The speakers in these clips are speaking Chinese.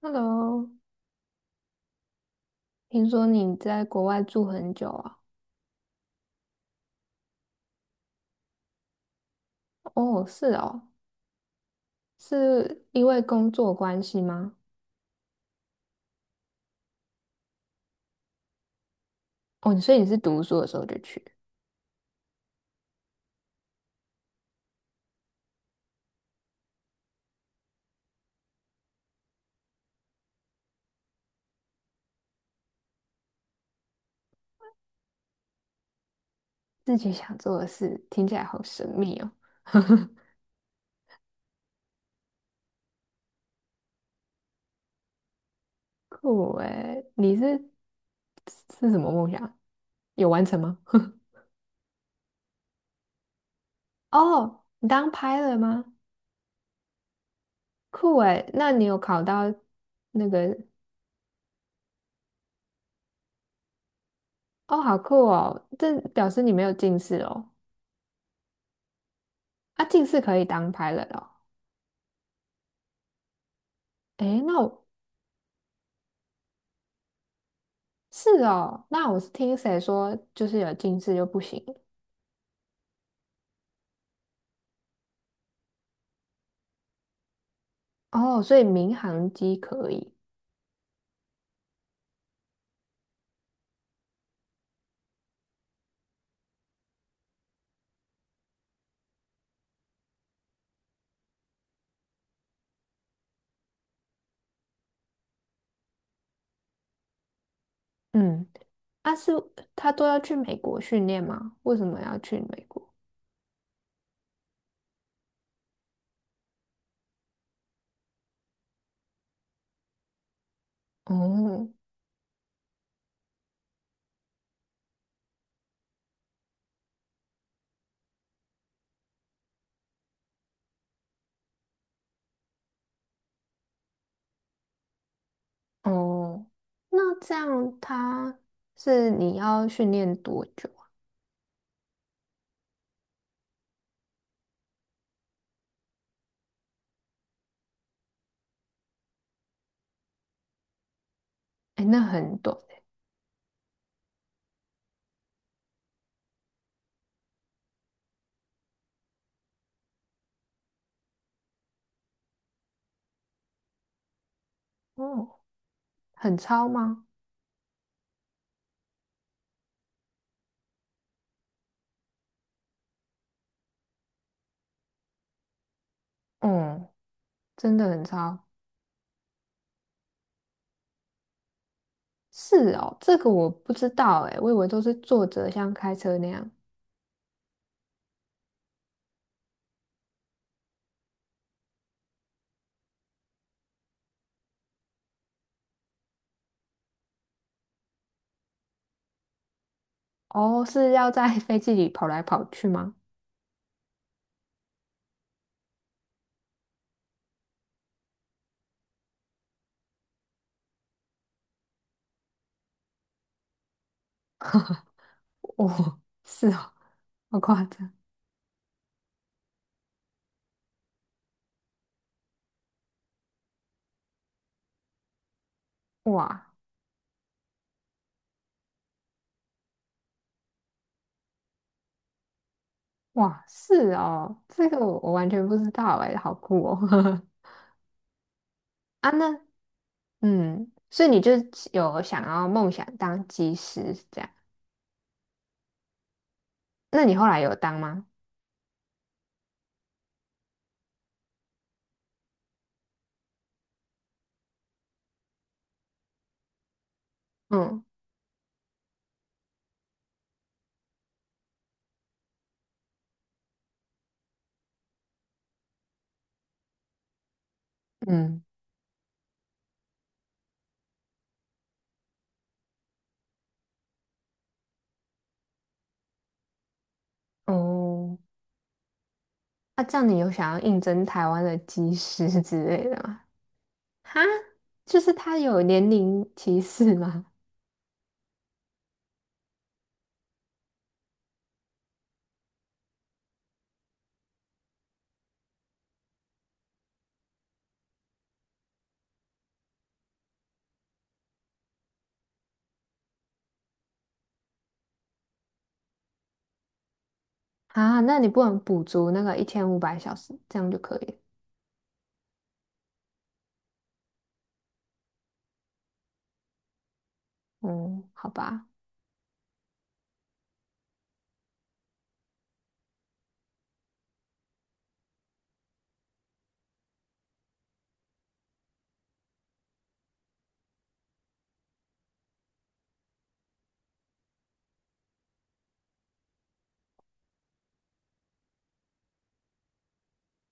Hello，听说你在国外住很久啊？哦，是哦，是因为工作关系吗？哦，所以你是读书的时候就去，自己想做的事，听起来好神秘哦。酷诶，你是什么梦想？有完成吗？哦，你当拍了 l 吗？酷诶，那你有考到那个？哦，好酷哦，这表示你没有近视哦。啊，近视可以当拍了 l 哦。诶，那我。是哦，那我是听谁说，就是有近视就不行。哦，所以民航机可以。嗯，啊是，他都要去美国训练吗？为什么要去美国？哦哦，那这样他是你要训练多久啊？哎，那很短欸。哦，很超吗？嗯，真的很超。是哦，这个我不知道哎，我以为都是坐着像开车那样。哦，是要在 飞机里跑来跑去吗？哦，是哦，好夸张！哇，是哦，这个我完全不知道哎，好酷哦！啊，那嗯，所以你就有想要梦想当技师是这样？那你后来有当吗？嗯嗯，哦，那这样你有想要应征台湾的技师之类的吗？哈，就是他有年龄歧视吗？啊，那你不能补足那个1500小时，这样就可以了。嗯，好吧。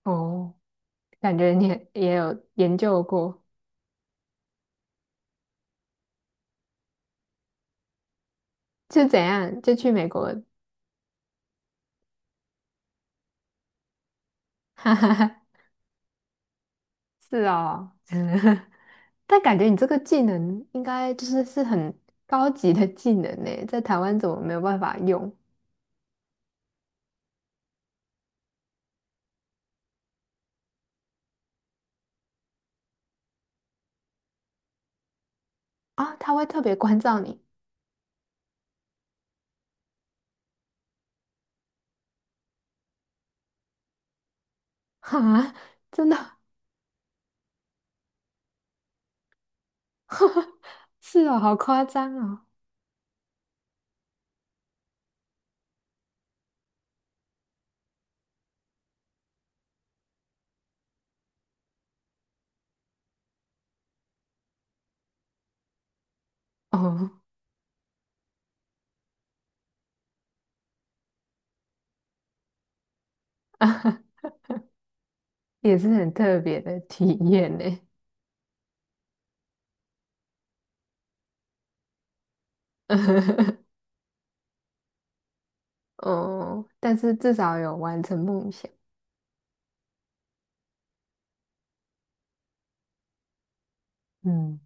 哦。感觉你也有研究过，就怎样就去美国？哈哈哈，是哦，但感觉你这个技能应该就是很高级的技能呢，在台湾怎么没有办法用啊？他会特别关照你，哈，真的是哦，好夸张哦。哦，也是很特别的体验呢。哦，但是至少有完成梦想。嗯，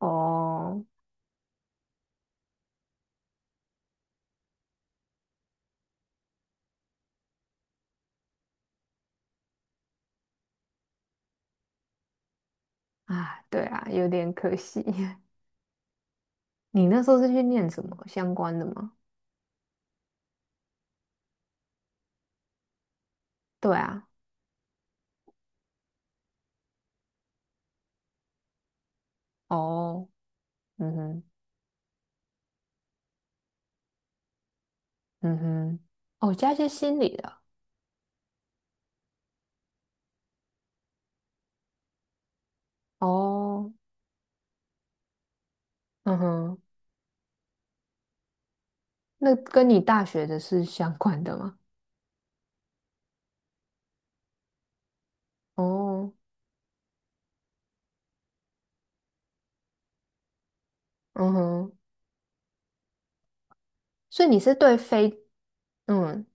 哦，啊，对啊，有点可惜。你那时候是去念什么相关的吗？对啊，哦，嗯哼，嗯哼，哦，加一些心理的，哦，嗯哼，那跟你大学的是相关的吗？哦，嗯哼，所以你是对非，嗯，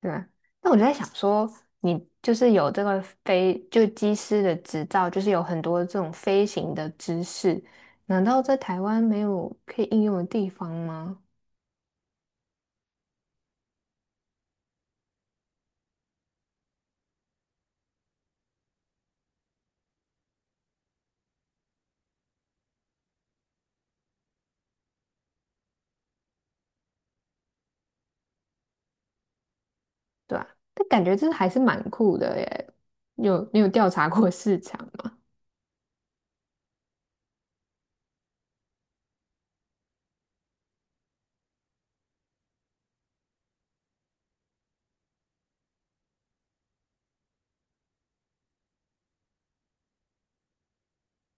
对啊，那我就在想说，你就是有这个飞，就机师的执照，就是有很多这种飞行的知识，难道在台湾没有可以应用的地方吗？对啊，但感觉这还是蛮酷的耶。你有调查过市场吗？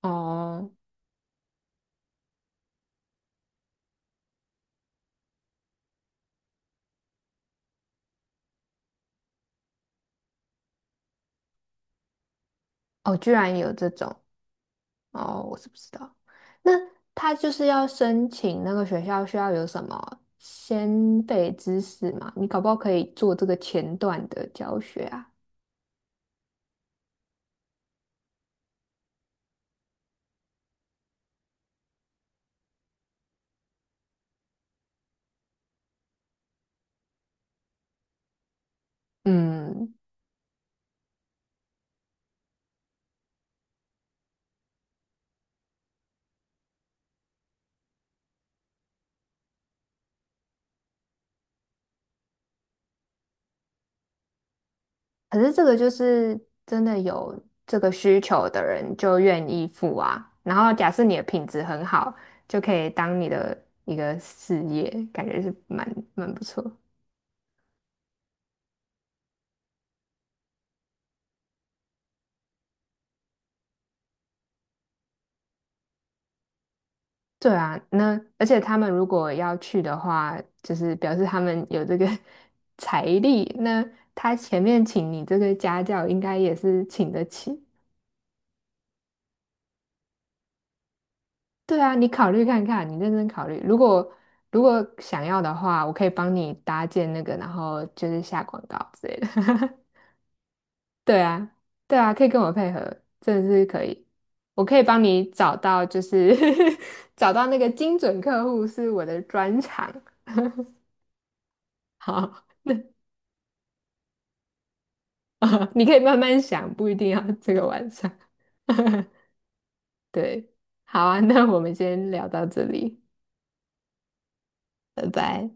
哦哦，居然有这种。哦，我是不知道。那他就是要申请那个学校需要有什么先备知识吗？你搞不好可以做这个前段的教学啊。嗯，可是这个就是真的有这个需求的人就愿意付啊。然后假设你的品质很好，就可以当你的一个事业，感觉是蛮不错。对啊，那而且他们如果要去的话，就是表示他们有这个 财力，那他前面请你这个家教，应该也是请得起。对啊，你考虑看看，你认真考虑。如果想要的话，我可以帮你搭建那个，然后就是下广告之类的。对啊，对啊，可以跟我配合，真的是可以。我可以帮你找到，就是 找到那个精准客户是我的专长。好，那 你可以慢慢想，不一定要这个晚上。对，好啊，那我们先聊到这里，拜拜。